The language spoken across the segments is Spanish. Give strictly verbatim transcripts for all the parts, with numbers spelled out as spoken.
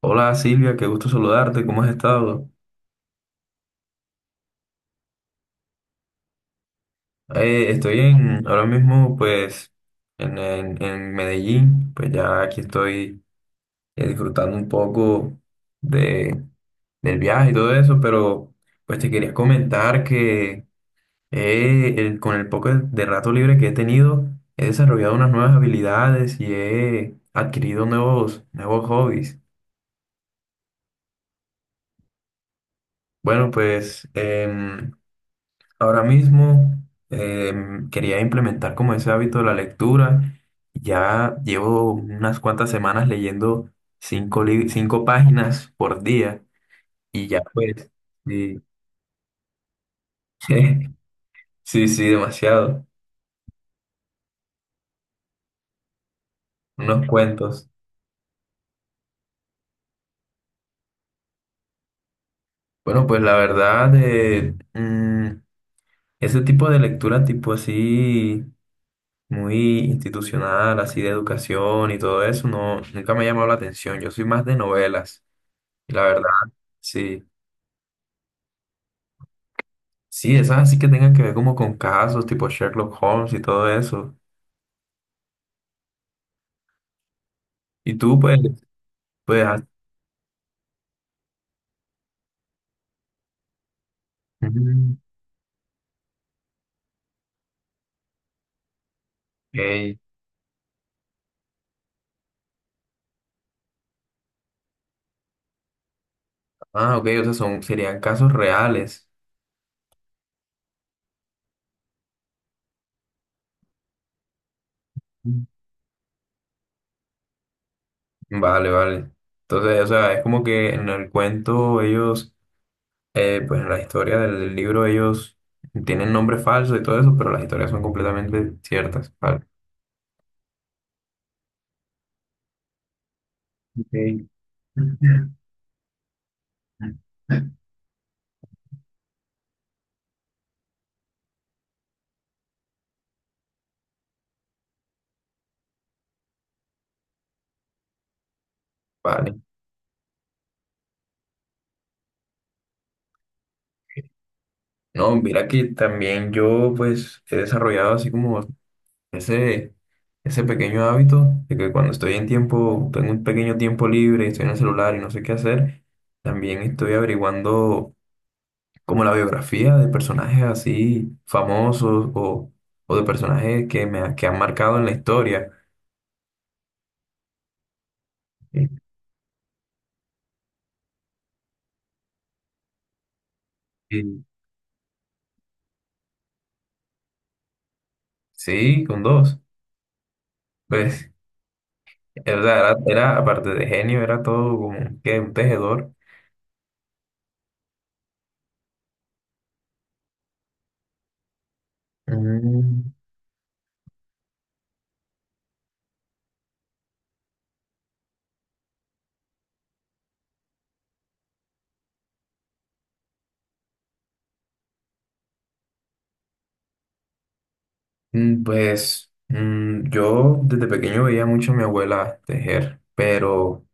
Hola Silvia, qué gusto saludarte, ¿cómo has estado? Eh, estoy en, ahora mismo pues en, en- en Medellín, pues ya aquí estoy eh, disfrutando un poco de, del viaje y todo eso, pero pues te quería comentar que eh, el- con el poco de rato libre que he tenido, he desarrollado unas nuevas habilidades y he adquirido nuevos, nuevos hobbies. Bueno, pues... em, ahora mismo em, quería implementar como ese hábito de la lectura. Ya llevo unas cuantas semanas leyendo cinco, li- cinco páginas por día y ya pues, sí. Sí, sí, demasiado, unos cuentos. Bueno, pues la verdad, eh, mm, ese tipo de lectura tipo así, muy institucional, así de educación y todo eso, no, nunca me ha llamado la atención. Yo soy más de novelas y la verdad, sí. Sí, esas así que tengan que ver como con casos tipo Sherlock Holmes y todo eso. Y tú pues, pues, ah, ujú, ok. Ah, ok, o sea, son, serían casos reales. Mm. Vale, vale. Entonces, o sea, es como que en el cuento ellos, eh, pues en la historia del libro ellos tienen nombres falsos y todo eso, pero las historias son completamente ciertas. Vale. Ok. Vale. No, mira que también yo pues he desarrollado así como Ese, ese pequeño hábito de que cuando estoy en tiempo, tengo un pequeño tiempo libre, y estoy en el celular y no sé qué hacer, también estoy averiguando como la biografía de personajes así famosos o, o de personajes que me ha- que han marcado en la historia. Y- y sí, con dos. Pues, era, era, era, aparte de genio, era todo como que un tejedor. Mm, mm, Pues mm, yo desde pequeño veía mucho a mi abuela tejer, pero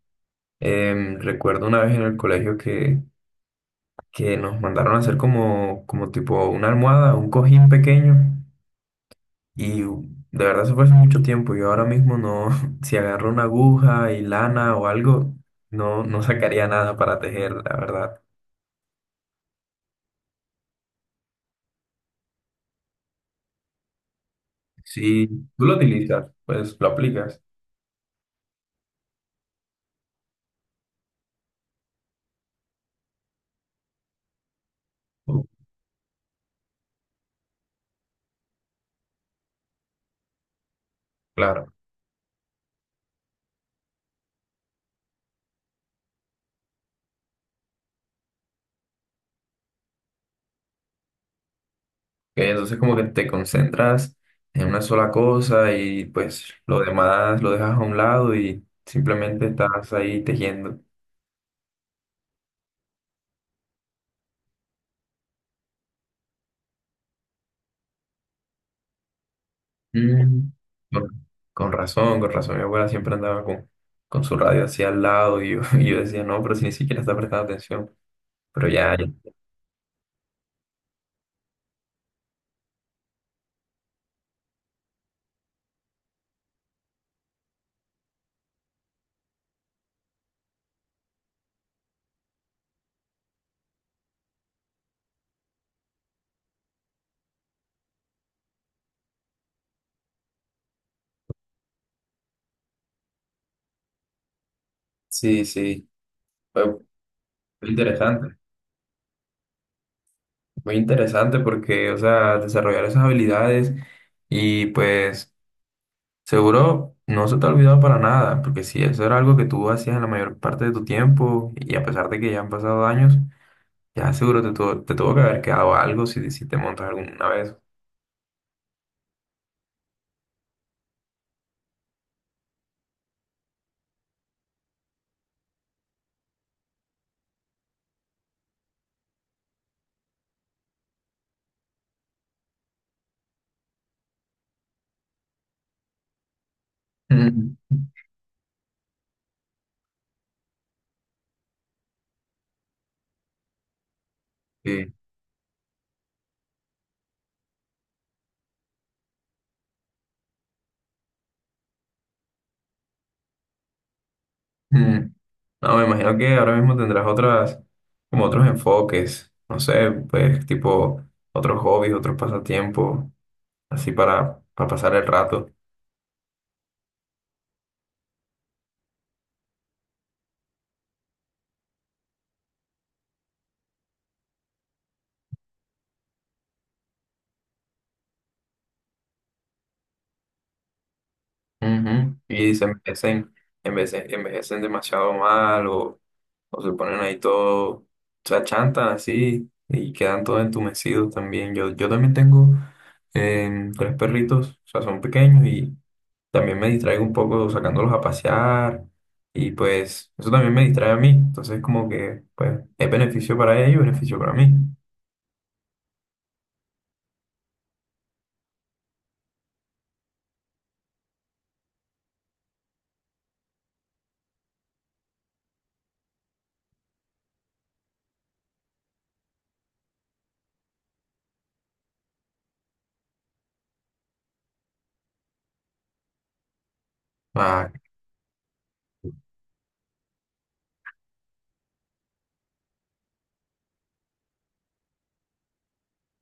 Em, recuerdo una vez en el colegio que, que nos mandaron a hacer como, como tipo una almohada, un cojín pequeño y u- de verdad eso fue hace mucho tiempo. Yo ahora mismo no, si agarro una aguja y lana o algo, no, no sacaría nada para tejer, la verdad. Si tú lo utilizas, pues lo aplicas. Uh, Claro. Ok, entonces como que te concentras en una sola cosa y pues lo demás lo dejas a un lado y simplemente estás ahí tejiendo. Mm, Con, con razón, con razón. Mi abuela siempre andaba con, con su radio así al lado y yo, y yo decía, no, pero si ni siquiera está prestando atención. Pero ya, ya. Sí, sí. Fue muy interesante. Muy interesante porque, o sea, desarrollar esas habilidades y pues seguro no se te ha olvidado para nada, porque si eso era algo que tú hacías en la mayor parte de tu tiempo y a pesar de que ya han pasado años, ya seguro te, tuvo- te tuvo que haber quedado algo si, si te montas alguna vez. Mm, sí. Mm. No, me imagino que ahora mismo tendrás otras, como otros enfoques, no sé, pues tipo otros hobbies, otros pasatiempos, así para, para pasar el rato. Ujú. Y se envejecen, envejecen, envejecen demasiado mal o, o se ponen ahí todo, se achantan así y quedan todos entumecidos también. Yo, yo también tengo eh, tres perritos, o sea, son pequeños y también me distraigo un poco sacándolos a pasear y pues eso también me distrae a mí. Entonces como que pues es beneficio para ellos, beneficio para mí. Ah,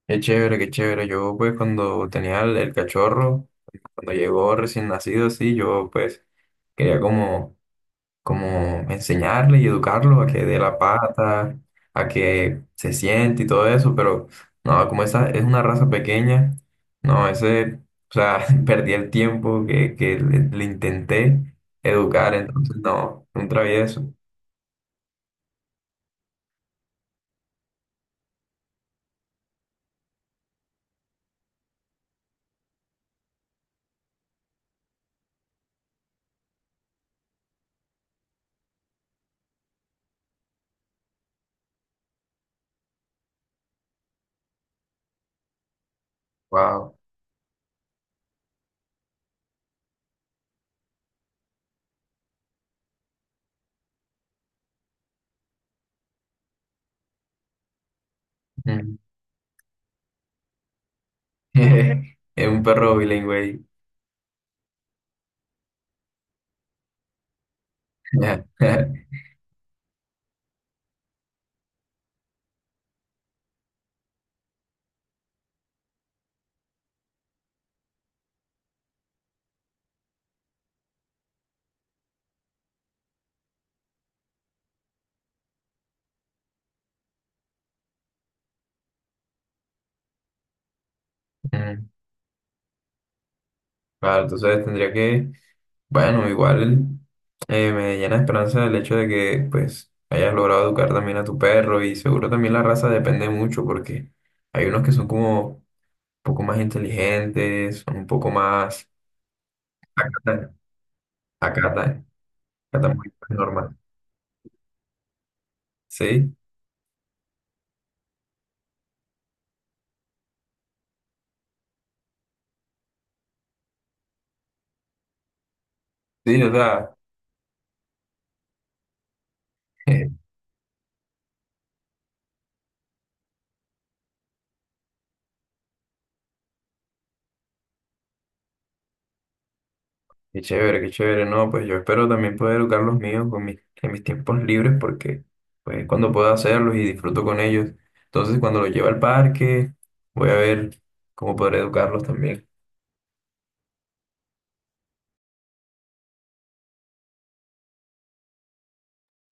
qué chévere, qué chévere. Yo pues cuando tenía el, el cachorro, cuando llegó recién nacido así, yo pues quería como como enseñarle y educarlo a que dé la pata, a que se siente y todo eso, pero no, como esa es una raza pequeña, no, ese, o sea, perdí el tiempo que, que le, le intenté educar, entonces no, un travieso, wow. Mm. Es un perro bilingüe. Mm, claro, entonces tendría que, bueno, igual eh, me llena de esperanza el hecho de que pues hayas logrado educar también a tu perro y seguro también la raza depende mucho porque hay unos que son como un poco más inteligentes, son un poco más acatan, acatan, acatan muy normal. Sí, sí, o sea, qué chévere, qué chévere, no, pues yo espero también poder educar los míos con mis, en mis tiempos libres porque pues cuando puedo hacerlos y disfruto con ellos. Entonces cuando los llevo al parque voy a ver cómo podré educarlos también.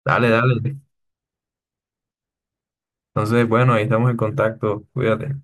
Dale, dale. Entonces, bueno, ahí estamos en contacto. Cuídate.